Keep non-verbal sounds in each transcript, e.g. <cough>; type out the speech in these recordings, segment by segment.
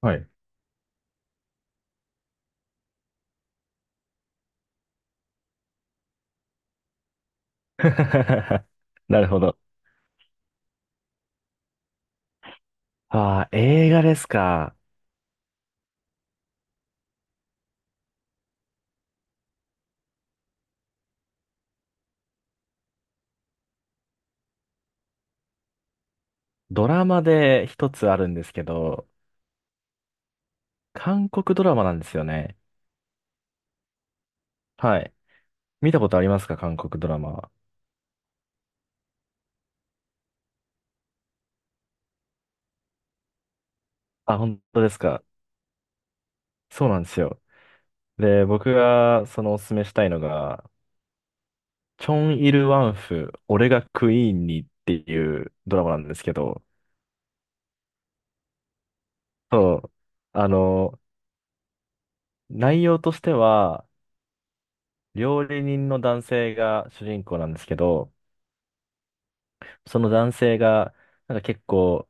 はい。<laughs> なるほど。ああ、映画ですか。ドラマで一つあるんですけど、韓国ドラマなんですよね。はい。見たことありますか、韓国ドラマは。あ、本当ですか。そうなんですよ。で、僕がそのおすすめしたいのが、チョン・イル・ワンフ、俺がクイーンにっていうドラマなんですけど、そう。あの、内容としては、料理人の男性が主人公なんですけど、その男性が、なんか結構、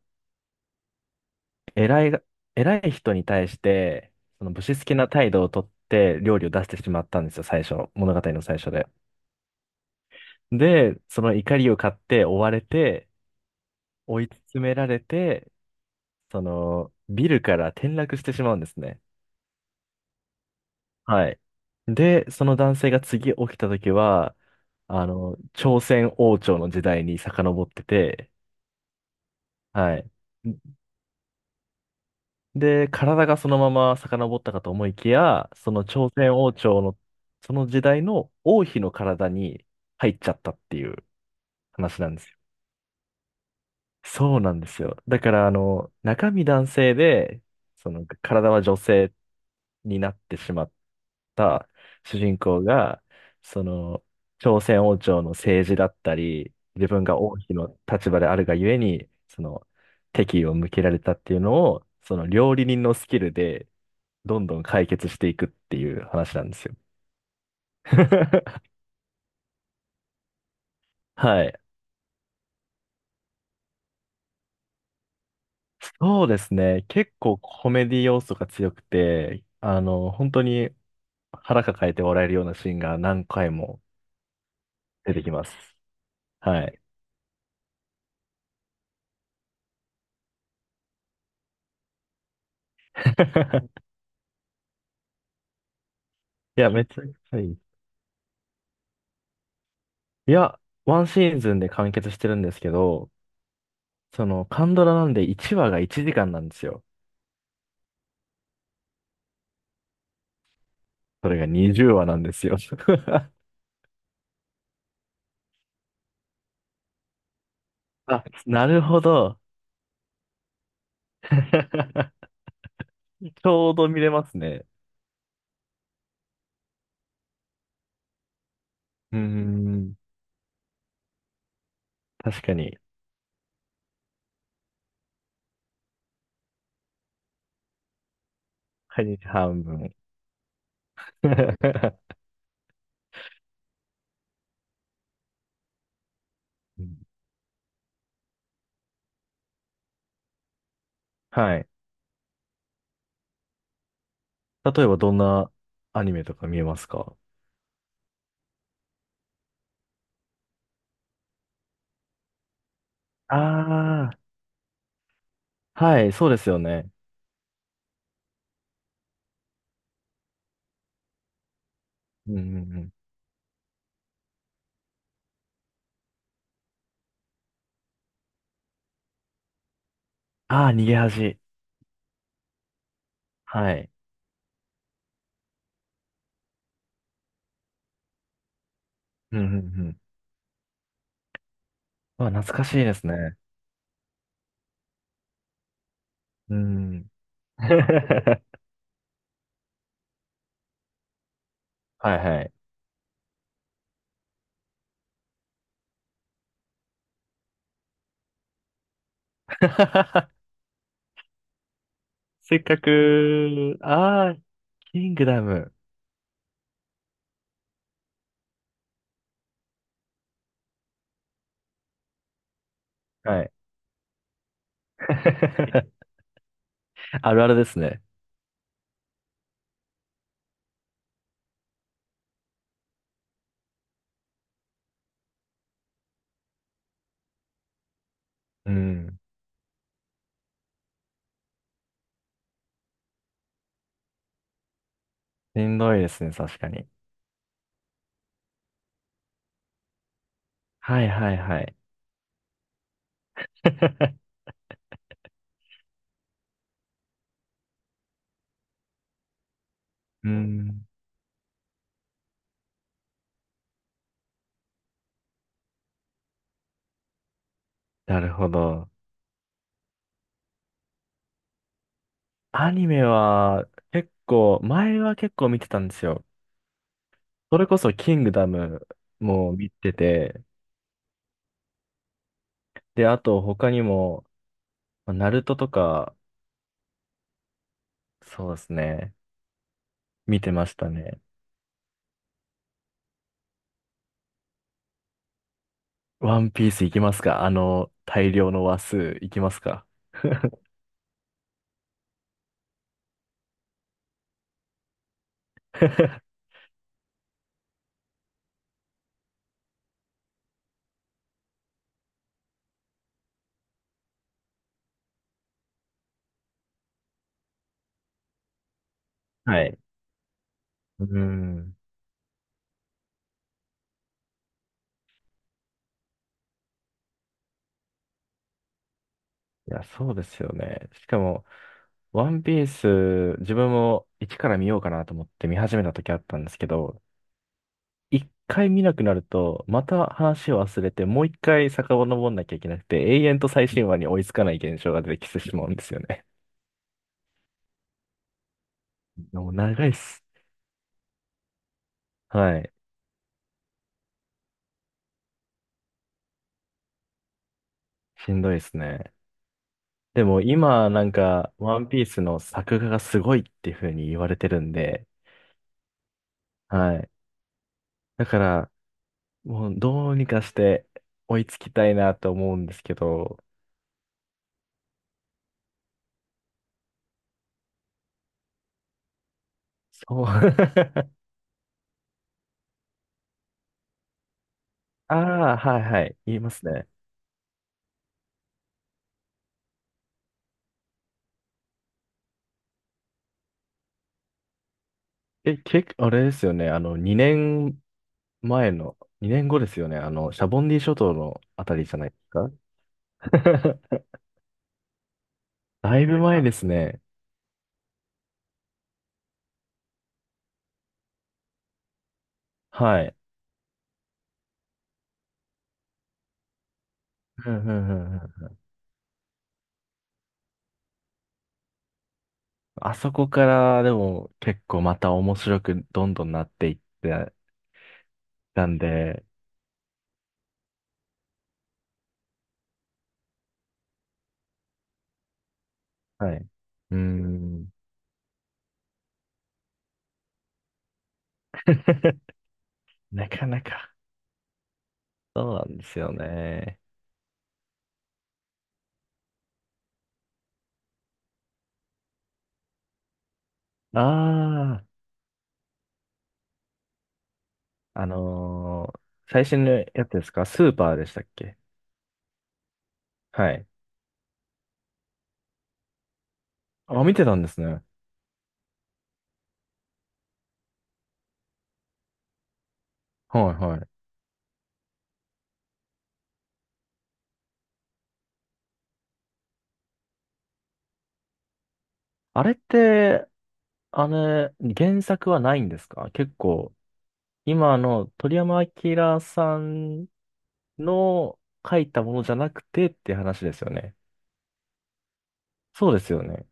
偉いが、偉い人に対して、その武士好きな態度をとって料理を出してしまったんですよ、最初。物語の最初で。で、その怒りを買って追われて、追い詰められて、その、ビルから転落してしまうんですね。はい。で、その男性が次起きた時は、朝鮮王朝の時代に遡ってて、はい。で、体がそのまま遡ったかと思いきや、その朝鮮王朝の、その時代の王妃の体に入っちゃったっていう話なんですよ。そうなんですよ。だから、中身男性で、その体は女性になってしまった主人公が、その、朝鮮王朝の政治だったり、自分が王妃の立場であるがゆえに、その、敵意を向けられたっていうのを、その料理人のスキルでどんどん解決していくっていう話なんですよ。<laughs> はい。そうですね。結構コメディ要素が強くて、本当に腹抱えて笑えるようなシーンが何回も出てきます。はい。<laughs> いや、めっちゃくちゃいい。いや、ワンシーズンで完結してるんですけど、その、カンドラなんで1話が1時間なんですよ。それが20話なんですよ。<laughs> あ、なるほど。<laughs> ちょうど見れますね。うーん、確かに。毎日半分。<laughs> うん、はい。例えばどんなアニメとか見えますか？ああー、はい、そうですよね。うんうんうん。ああ、逃げ恥。はい。うんうんうん。まあ、懐かしいですね。うん。<laughs> はいはい。<laughs> せっかく、ああ、キングダム。はい。<laughs> あるあるですね。うん。しんどいですね、確かに。はいはいはい。<laughs> うん。なるほど。アニメは結構、前は結構見てたんですよ。それこそキングダムも見てて、で、あと他にも、まあナルトとか、そうですね、見てましたね。ワンピースいきますか？あの大量の話数いきますか？ <laughs> はい。うん。いや、そうですよね。しかも、ワンピース、自分も一から見ようかなと思って見始めた時あったんですけど、一回見なくなると、また話を忘れて、もう一回遡んなきゃいけなくて、永遠と最新話に追いつかない現象が出てきてしまうんですよね。<laughs> もう長いっす。はい。しんどいですね。でも今、なんか、ワンピースの作画がすごいっていう風に言われてるんで、はい。だから、もうどうにかして追いつきたいなと思うんですけど、そう。<laughs> ああ、はいはい。言いますね。え、結構、あれですよね。2年前の2年後ですよね。あの、シャボンディ諸島のあたりじゃないですか。<laughs> だいぶ前ですね。はい。うんうんうんうん。あそこからでも結構また面白くどんどんなっていってたんで、はい。うーん。<laughs> なかなか。そうなんですよね。ああ、最新のやつですか？スーパーでしたっけ？はい。あ、見てたんですね。はいはい。あれって、あの、原作はないんですか？結構、今の鳥山明さんの書いたものじゃなくてって話ですよね。そうですよね。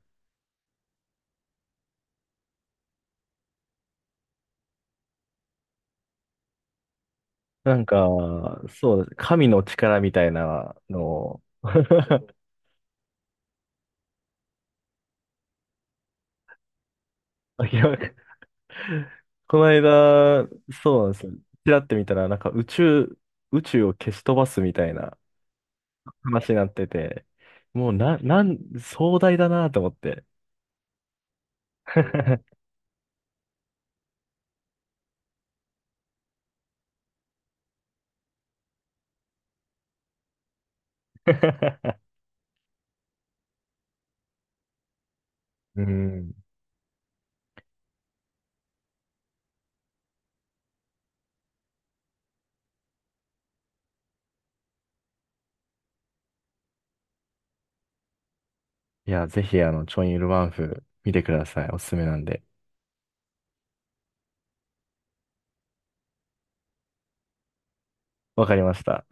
なんか、そうです。神の力みたいなのを、<laughs> あ、いや、この間、そうなんですよ。ちらって見たら、なんか宇宙、宇宙を消し飛ばすみたいな話になってて、もうな、なん、壮大だなと思って。<laughs> うん。いや、ぜひ、チョンイルワンフ見てください。おすすめなんで。わかりました。